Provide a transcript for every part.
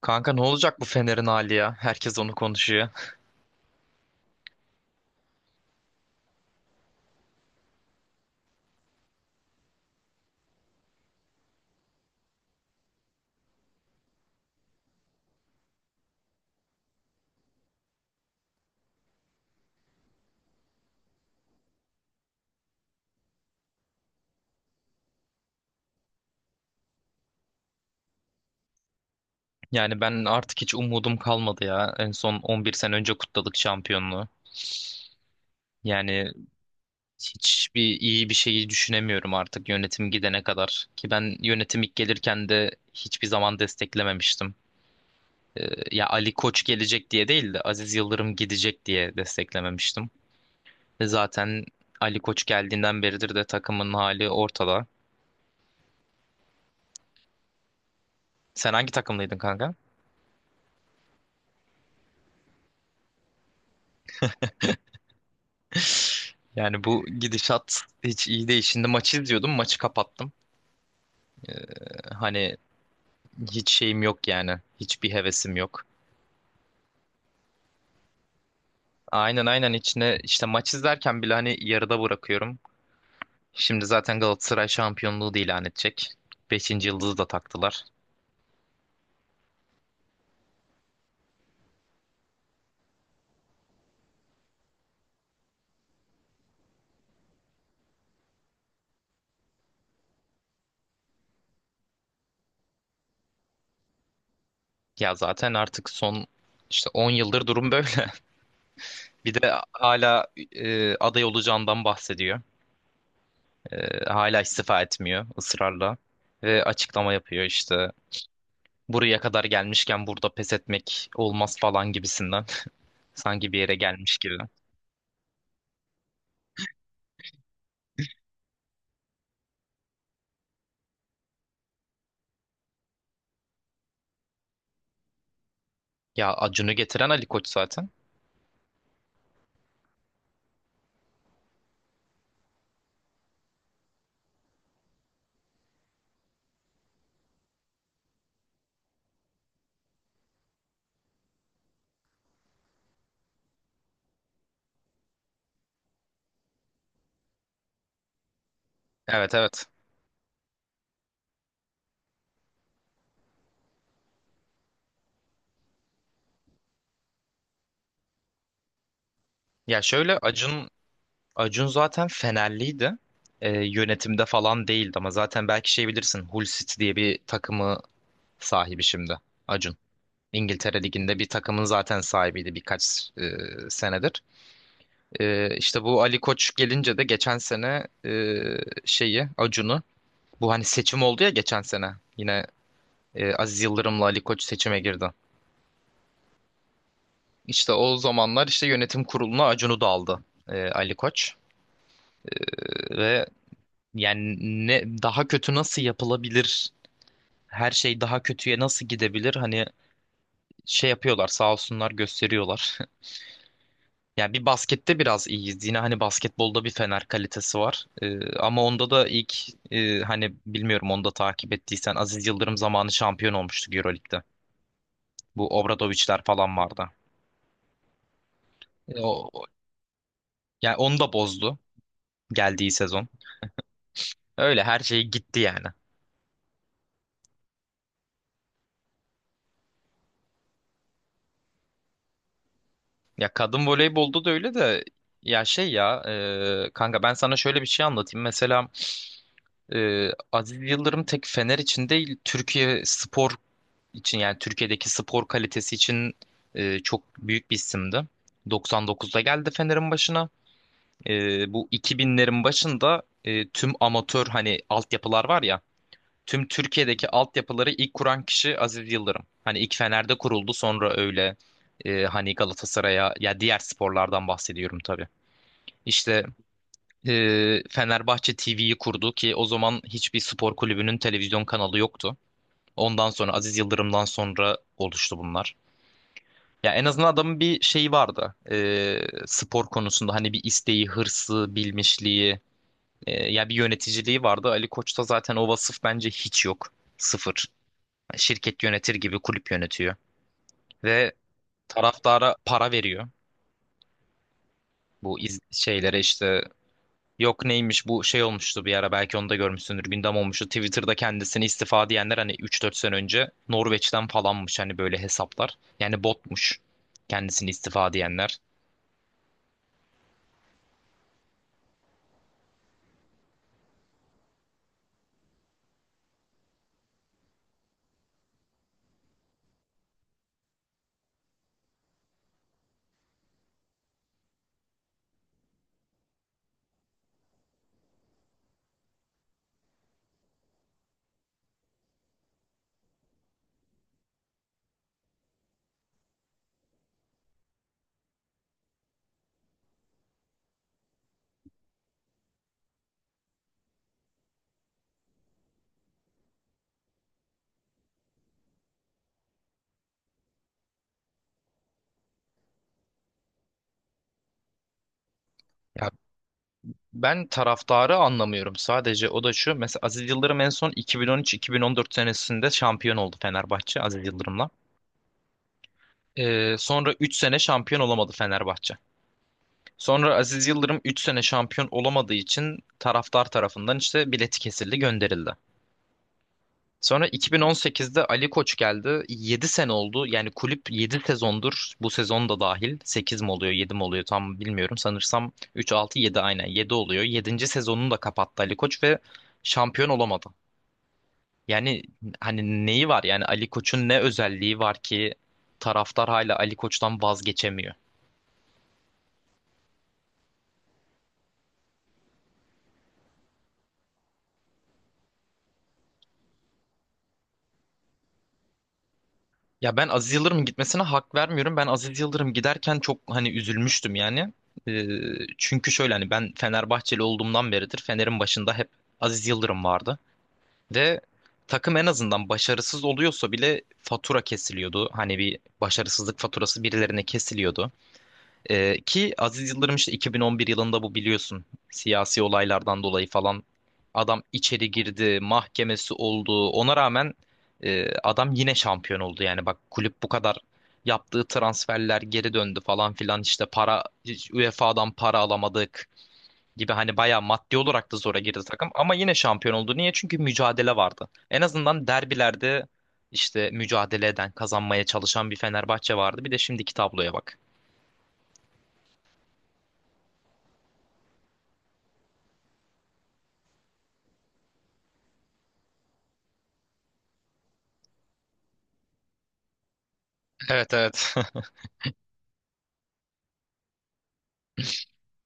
Kanka ne olacak bu Fener'in hali ya? Herkes onu konuşuyor. Yani ben artık hiç umudum kalmadı ya. En son 11 sene önce kutladık şampiyonluğu. Yani hiçbir iyi bir şeyi düşünemiyorum artık yönetim gidene kadar. Ki ben yönetim ilk gelirken de hiçbir zaman desteklememiştim. Ya Ali Koç gelecek diye değil de Aziz Yıldırım gidecek diye desteklememiştim. Ve zaten Ali Koç geldiğinden beridir de takımın hali ortada. Sen hangi takımlıydın kanka? Yani bu gidişat hiç iyi değil. Şimdi maçı izliyordum, maçı kapattım. Ee, hani hiç şeyim yok yani. Hiçbir hevesim yok. Aynen aynen, içine işte maç izlerken bile hani yarıda bırakıyorum. Şimdi zaten Galatasaray şampiyonluğu da ilan edecek. Beşinci yıldızı da taktılar. Ya zaten artık son işte 10 yıldır durum böyle. Bir de hala aday olacağından bahsediyor. Hala istifa etmiyor ısrarla. Ve açıklama yapıyor işte. Buraya kadar gelmişken burada pes etmek olmaz falan gibisinden. Sanki bir yere gelmiş gibi. Ya Acun'u getiren Ali Koç zaten. Evet, evet. Ya şöyle, Acun zaten Fenerliydi. Yönetimde falan değildi ama zaten belki şey bilirsin, Hull City diye bir takımı sahibi şimdi Acun. İngiltere Ligi'nde bir takımın zaten sahibiydi birkaç senedir. E, işte bu Ali Koç gelince de geçen sene şeyi, Acun'u, bu hani seçim oldu ya geçen sene yine. Aziz Yıldırım'la Ali Koç seçime girdi. İşte o zamanlar işte yönetim kuruluna Acun'u da aldı Ali Koç. Ve yani ne daha kötü nasıl yapılabilir? Her şey daha kötüye nasıl gidebilir? Hani şey yapıyorlar sağ olsunlar, gösteriyorlar. Yani bir baskette biraz iyiyiz. Yine hani basketbolda bir Fener kalitesi var. Ama onda da ilk hani bilmiyorum, onu da takip ettiysen Aziz Yıldırım zamanı şampiyon olmuştu Euroleague'de. Bu Obradoviçler falan vardı. E, O, yani onu da bozdu geldiği sezon. Öyle her şey gitti yani. Ya kadın voleybolda da öyle de, ya şey ya kanka ben sana şöyle bir şey anlatayım. Mesela Aziz Yıldırım tek Fener için değil, Türkiye spor için, yani Türkiye'deki spor kalitesi için çok büyük bir isimdi. 99'da geldi Fener'in başına. E, bu 2000'lerin başında tüm amatör, hani altyapılar var ya, tüm Türkiye'deki altyapıları ilk kuran kişi Aziz Yıldırım. Hani ilk Fener'de kuruldu, sonra öyle hani Galatasaray'a, ya diğer sporlardan bahsediyorum tabii. İşte Fenerbahçe TV'yi kurdu ki o zaman hiçbir spor kulübünün televizyon kanalı yoktu. Ondan sonra, Aziz Yıldırım'dan sonra oluştu bunlar. Ya en azından adamın bir şeyi vardı. Spor konusunda hani bir isteği, hırsı, bilmişliği, ya bir yöneticiliği vardı. Ali Koç'ta zaten o vasıf bence hiç yok. Sıfır. Şirket yönetir gibi kulüp yönetiyor ve taraftara para veriyor, bu şeylere işte, yok neymiş, bu şey olmuştu bir ara, belki onu da görmüşsündür, gündem olmuştu Twitter'da, kendisini istifa diyenler hani üç dört sene önce Norveç'ten falanmış, hani böyle hesaplar, yani botmuş kendisini istifa diyenler. Ya ben taraftarı anlamıyorum, sadece o da şu: mesela Aziz Yıldırım en son 2013-2014 senesinde şampiyon oldu Fenerbahçe, Aziz Yıldırım'la. Sonra 3 sene şampiyon olamadı Fenerbahçe. Sonra Aziz Yıldırım 3 sene şampiyon olamadığı için taraftar tarafından işte bileti kesildi, gönderildi. Sonra 2018'de Ali Koç geldi. 7 sene oldu. Yani kulüp 7 sezondur, bu sezon da dahil. 8 mi oluyor, 7 mi oluyor tam bilmiyorum. Sanırsam üç, altı, yedi, aynen, yedi oluyor. Yedinci sezonunu da kapattı Ali Koç ve şampiyon olamadı. Yani hani neyi var? Yani Ali Koç'un ne özelliği var ki taraftar hala Ali Koç'tan vazgeçemiyor? Ya ben Aziz Yıldırım'ın gitmesine hak vermiyorum. Ben Aziz Yıldırım giderken çok hani üzülmüştüm yani. Ee, çünkü şöyle, hani ben Fenerbahçeli olduğumdan beridir Fener'in başında hep Aziz Yıldırım vardı. Ve takım en azından başarısız oluyorsa bile fatura kesiliyordu. Hani bir başarısızlık faturası birilerine kesiliyordu. Ki Aziz Yıldırım işte 2011 yılında, bu biliyorsun siyasi olaylardan dolayı falan, adam içeri girdi, mahkemesi oldu. Ona rağmen adam yine şampiyon oldu. Yani bak, kulüp bu kadar, yaptığı transferler geri döndü falan filan, işte para, hiç UEFA'dan para alamadık gibi, hani bayağı maddi olarak da zora girdi takım, ama yine şampiyon oldu. Niye? Çünkü mücadele vardı. En azından derbilerde işte mücadele eden, kazanmaya çalışan bir Fenerbahçe vardı. Bir de şimdiki tabloya bak. Evet, evet.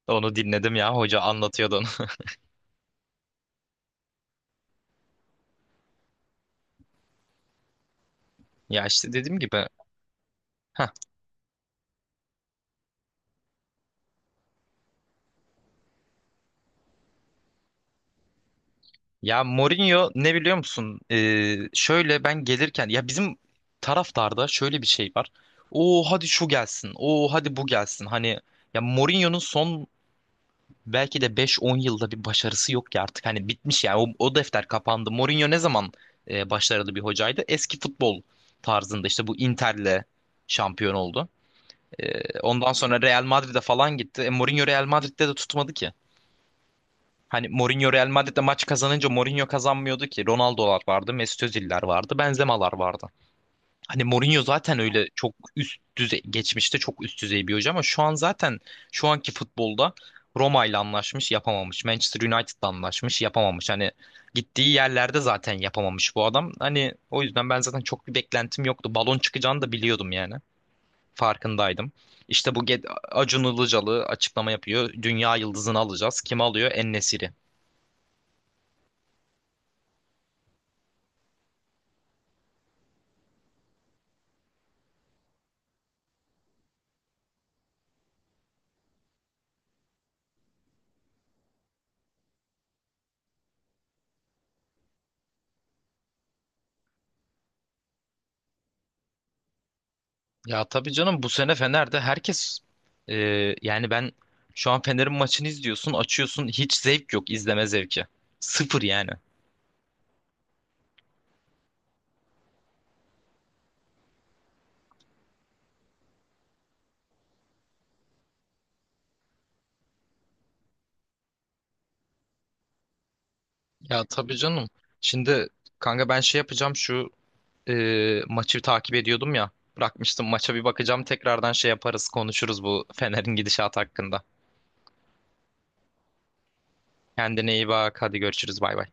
Onu dinledim ya, hoca anlatıyordu onu. Ya işte dediğim gibi heh. Ya Mourinho ne biliyor musun? Şöyle ben gelirken, ya bizim taraftarda şöyle bir şey var: o hadi şu gelsin, o hadi bu gelsin. Hani ya Mourinho'nun son belki de 5-10 yılda bir başarısı yok ki artık. Hani bitmiş yani, o defter kapandı. Mourinho ne zaman başarılı bir hocaydı? Eski futbol tarzında işte bu Inter'le şampiyon oldu. Ondan sonra Real Madrid'e falan gitti. Mourinho Real Madrid'de de tutmadı ki. Hani Mourinho Real Madrid'de maç kazanınca Mourinho kazanmıyordu ki. Ronaldo'lar vardı, Mesut Özil'ler vardı, Benzema'lar vardı. Hani Mourinho zaten öyle çok üst düzey, geçmişte çok üst düzey bir hoca, ama şu an zaten, şu anki futbolda, Roma ile anlaşmış yapamamış, Manchester United'la anlaşmış yapamamış. Hani gittiği yerlerde zaten yapamamış bu adam. Hani o yüzden ben zaten çok bir beklentim yoktu. Balon çıkacağını da biliyordum yani. Farkındaydım. İşte bu Acun Ilıcalı açıklama yapıyor: dünya yıldızını alacağız. Kim alıyor? En-Nesyri. Ya tabii canım, bu sene Fener'de herkes e, yani ben, şu an Fener'in maçını izliyorsun, açıyorsun, hiç zevk yok, izleme zevki. Sıfır yani. Ya tabii canım. Şimdi kanka ben şey yapacağım, şu e, maçı takip ediyordum ya. Bırakmıştım, maça bir bakacağım tekrardan, şey yaparız, konuşuruz bu Fener'in gidişatı hakkında. Kendine iyi bak, hadi görüşürüz, bay bay.